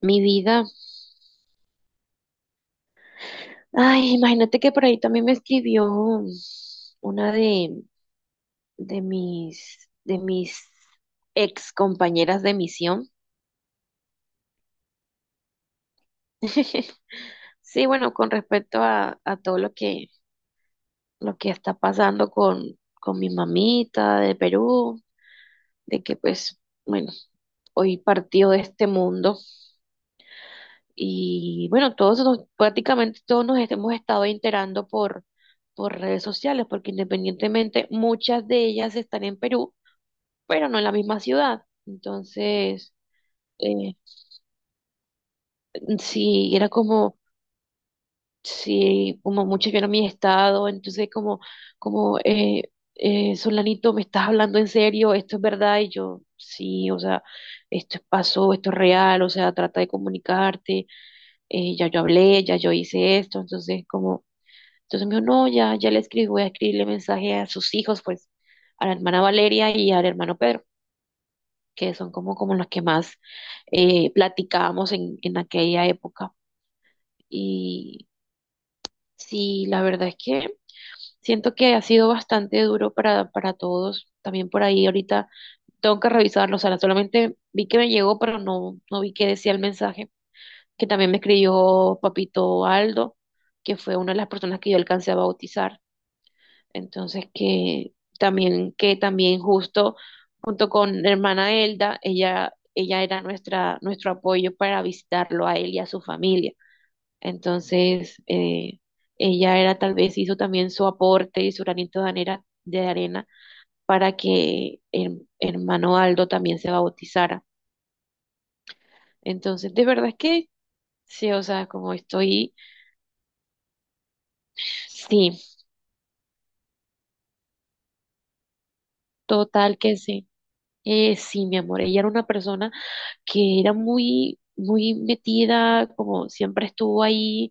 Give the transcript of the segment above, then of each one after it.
Mi vida. Ay, imagínate que por ahí también me escribió una de mis ex compañeras de misión. Sí, bueno, con respecto a todo lo que está pasando con mi mamita de Perú, de que pues, bueno, hoy partió de este mundo. Y bueno, prácticamente todos nos hemos estado enterando por redes sociales, porque independientemente muchas de ellas están en Perú, pero no en la misma ciudad. Entonces, eh, sí, era como, sí, como muchos vieron mi estado, entonces como, Solanito, ¿me estás hablando en serio? ¿Esto es verdad? Y yo, sí, o sea, pasó, esto es real, o sea, trata de comunicarte, ya yo hablé, ya yo hice esto, entonces como. Entonces me dijo, no, ya, ya le escribí, voy a escribirle mensaje a sus hijos, pues, a la hermana Valeria y al hermano Pedro, que son como los que más platicábamos en aquella época. Y sí, la verdad es que siento que ha sido bastante duro para todos. También por ahí ahorita tengo que revisarlo. O sea, solamente vi que me llegó, pero no, no vi que decía el mensaje. Que también me escribió Papito Aldo, que fue una de las personas que yo alcancé a bautizar. Entonces que también, justo junto con hermana Elda, ella era nuestra, nuestro apoyo para visitarlo a él y a su familia. Entonces, ella era tal vez hizo también su aporte y su granito de arena, para que el hermano Aldo también se bautizara. Entonces, de verdad es que sí, o sea, como estoy, sí, total que sí. Sí, mi amor, ella era una persona que era muy, muy metida, como siempre estuvo ahí.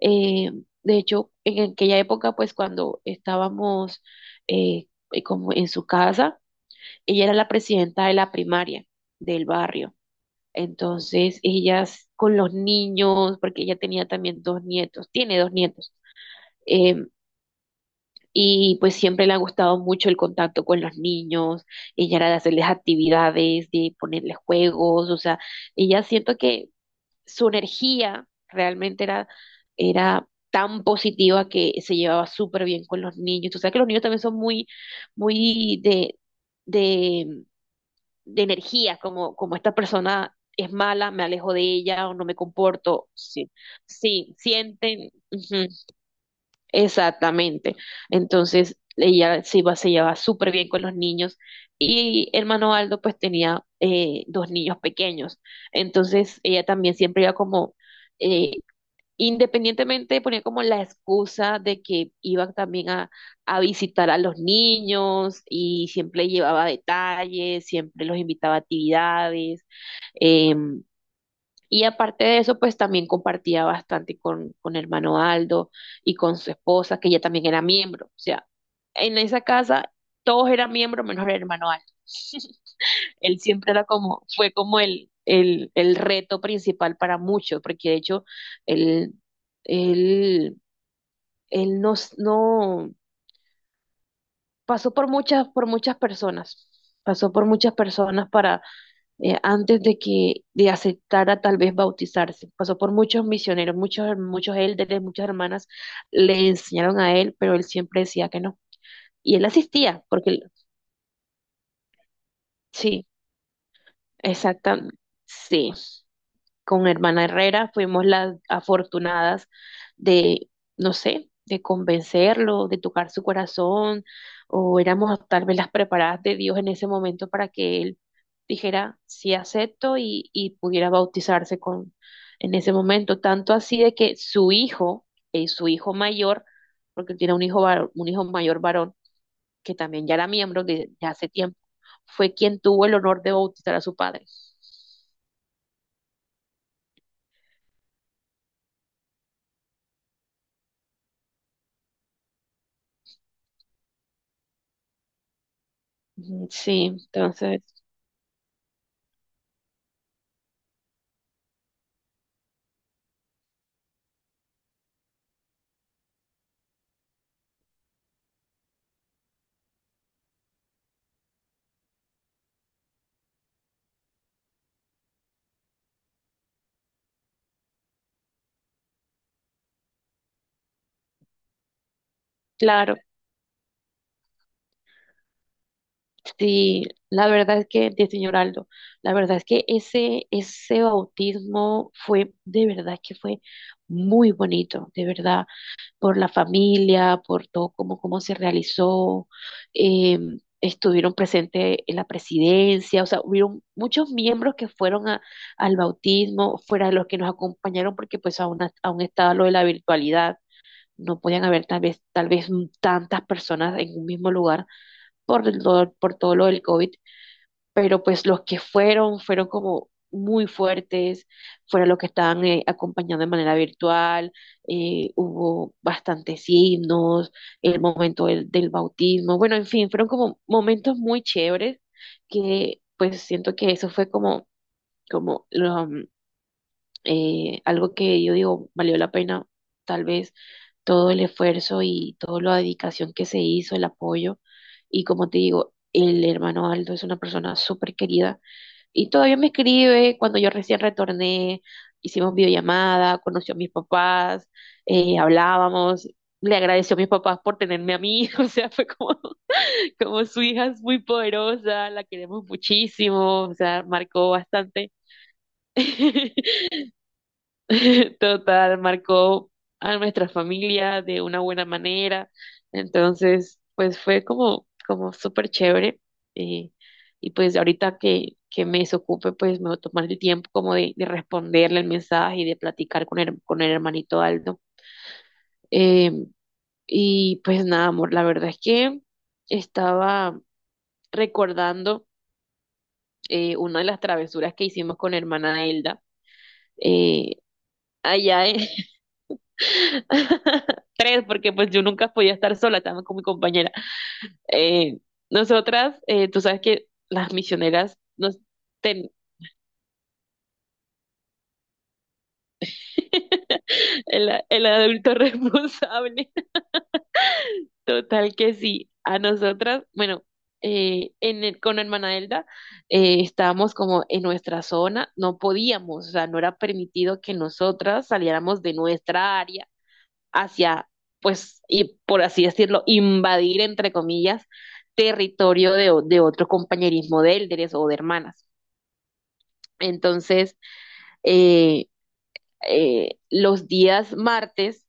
eh, de hecho, en aquella época, pues cuando estábamos eh, como en su casa, ella era la presidenta de la primaria del barrio. Entonces, ellas con los niños, porque ella tenía también dos nietos, tiene dos nietos. eh, y pues siempre le ha gustado mucho el contacto con los niños, ella era de hacerles actividades, de ponerles juegos, o sea, ella siento que su energía realmente era tan positiva que se llevaba súper bien con los niños. Tú sabes que los niños también son muy, muy de, de energía, como esta persona es mala, me alejo de ella o no me comporto. Sí, sí sienten. Ujú. Exactamente. Entonces, ella se iba, se llevaba súper bien con los niños y hermano Aldo pues tenía dos niños pequeños. Entonces, ella también siempre iba como, eh, independientemente ponía como la excusa de que iba también a visitar a los niños y siempre llevaba detalles, siempre los invitaba a actividades. em, y aparte de eso, pues también compartía bastante con hermano Aldo y con su esposa, que ella también era miembro. O sea, en esa casa todos eran miembros menos el hermano Aldo. Él siempre era como, fue como el reto principal para muchos, porque de hecho él, él, él no pasó por muchas personas, pasó por muchas personas para antes de que de aceptara tal vez bautizarse. Pasó por muchos misioneros, muchos, muchos élderes, muchas hermanas le enseñaron a él, pero él siempre decía que no. Y él asistía, porque sí, exactamente, sí. Con hermana Herrera fuimos las afortunadas de, no sé, de convencerlo, de tocar su corazón, o éramos tal vez las preparadas de Dios en ese momento para que él dijera sí acepto y pudiera bautizarse con en ese momento, tanto así de que su hijo mayor, porque él tiene un hijo mayor varón, que también ya era miembro de hace tiempo, fue quien tuvo el honor de bautizar a su padre. Ujú. Sí, entonces claro, sí, la verdad es que, de señor Aldo, la verdad es que ese bautismo fue, de verdad que fue muy bonito, de verdad, por la familia, por todo cómo se realizó, eh, estuvieron presentes en la presidencia, o sea, hubieron muchos miembros que fueron al bautismo, fuera de los que nos acompañaron, porque pues aún estaba lo de la virtualidad, no podían haber tal vez tantas personas en un mismo lugar por, el por todo lo del COVID, pero pues los que fueron como muy fuertes, fueron los que estaban acompañando de manera virtual, hubo bastantes himnos, el momento del bautismo, bueno, en fin, fueron como momentos muy chéveres que pues siento que eso fue como lo, algo que yo digo valió la pena, tal vez todo el esfuerzo y toda la dedicación que se hizo, el apoyo. Y como te digo, el hermano Aldo es una persona súper querida y todavía me escribe cuando yo recién retorné, hicimos videollamada, conoció a mis papás, hablábamos. Le agradeció a mis papás por tenerme a mí, o sea, fue como su hija es muy poderosa, la queremos muchísimo, o sea, marcó bastante. Total, marcó a nuestra familia de una buena manera. Entonces, pues fue como súper chévere. eh, y pues ahorita que me desocupe, pues me voy a tomar el tiempo como de responderle el mensaje y de platicar con el hermanito Aldo. Eh, y pues nada, amor, la verdad es que estaba recordando una de las travesuras que hicimos con hermana Elda. eh, Allá. Tres, porque pues yo nunca podía estar sola, estaba con mi compañera. Eh, Nosotras, tú sabes que las misioneras ten- el adulto responsable. Total que sí, a nosotras, bueno, con hermana Elda estábamos como en nuestra zona, no podíamos, o sea, no era permitido que nosotras saliéramos de nuestra área hacia, pues, y por así decirlo, invadir, entre comillas, territorio de otro compañerismo de élderes o de hermanas. Entonces, eh, los días martes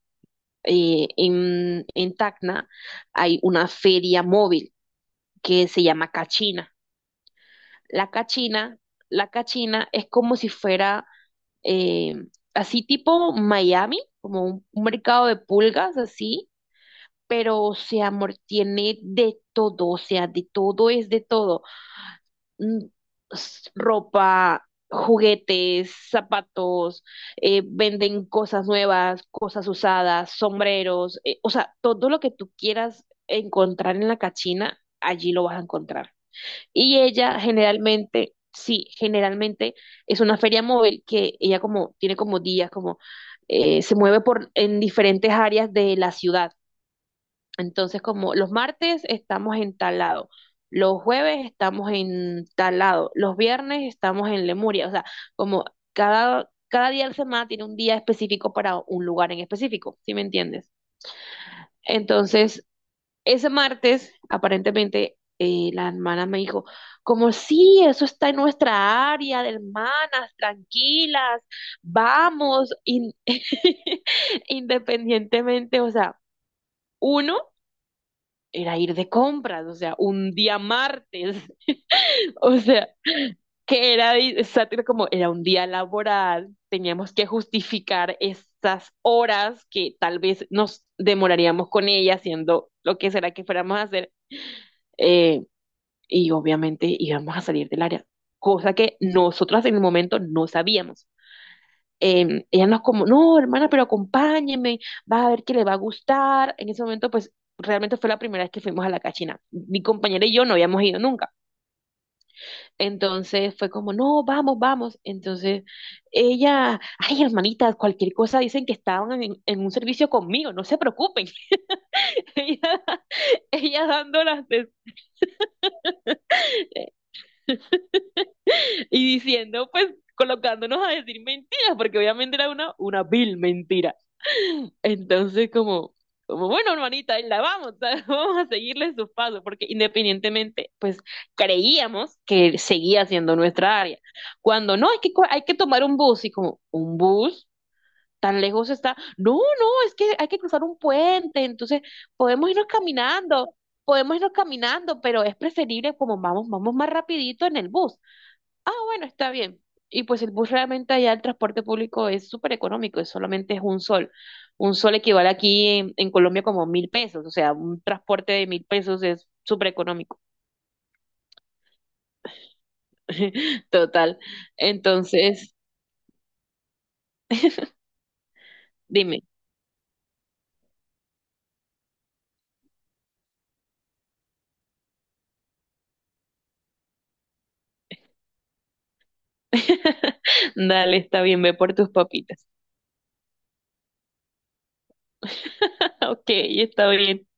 en Tacna hay una feria móvil que se llama Cachina. La Cachina, la Cachina es como si fuera eh, así tipo Miami, como un mercado de pulgas así, pero, o sea, amor, tiene de todo, o sea, de todo es de todo. Mm, Ropa, juguetes, zapatos, venden cosas nuevas, cosas usadas, sombreros, o sea, todo lo que tú quieras encontrar en la cachina, allí lo vas a encontrar. Y ella generalmente, sí, generalmente es una feria móvil que ella como tiene como días, como se mueve por en diferentes áreas de la ciudad. Entonces, como los martes estamos en Talado, los jueves estamos en Talado, los viernes estamos en Lemuria, o sea, como cada día de la semana tiene un día específico para un lugar en específico, ¿sí me entiendes? Entonces, ese martes, aparentemente, la hermana me dijo, como sí, eso está en nuestra área de hermanas, tranquilas, vamos, independientemente, o sea, uno era ir de compras, o sea, un día martes, o sea, que era exactamente como era un día laboral, teníamos que justificar estas horas que tal vez nos demoraríamos con ella haciendo lo que será que fuéramos a hacer, eh, y obviamente íbamos a salir del área, cosa que nosotras en el momento no sabíamos. Ella nos como, no, hermana, pero acompáñeme, vas a ver que le va a gustar. En ese momento, pues realmente fue la primera vez que fuimos a la cachina. Mi compañera y yo no habíamos ido nunca. Entonces fue como, no, vamos, vamos. Entonces ella, ay, hermanitas, cualquier cosa dicen que estaban en un servicio conmigo, no se preocupen. Ella, ella dando las y diciendo, pues colocándonos a decir mentiras, porque obviamente era una vil mentira. Entonces, como bueno, hermanita, ahí la vamos, ¿sabes? Vamos a seguirle sus pasos, porque independientemente, pues creíamos que seguía siendo nuestra área. Cuando no, hay que tomar un bus, y como, ¿un bus? Tan lejos está. No, no, es que hay que cruzar un puente, entonces podemos irnos caminando, podemos irnos caminando, pero es preferible como vamos, vamos más rapidito en el bus. Ah, bueno, está bien. Y pues el bus realmente allá, el transporte público es súper económico, es solamente es un sol. Un sol equivale aquí en Colombia como 1.000 pesos, o sea, un transporte de 1.000 pesos es súper económico. Total. Entonces, dime. Dale, está bien, ve por tus papitas. Ok, está bien.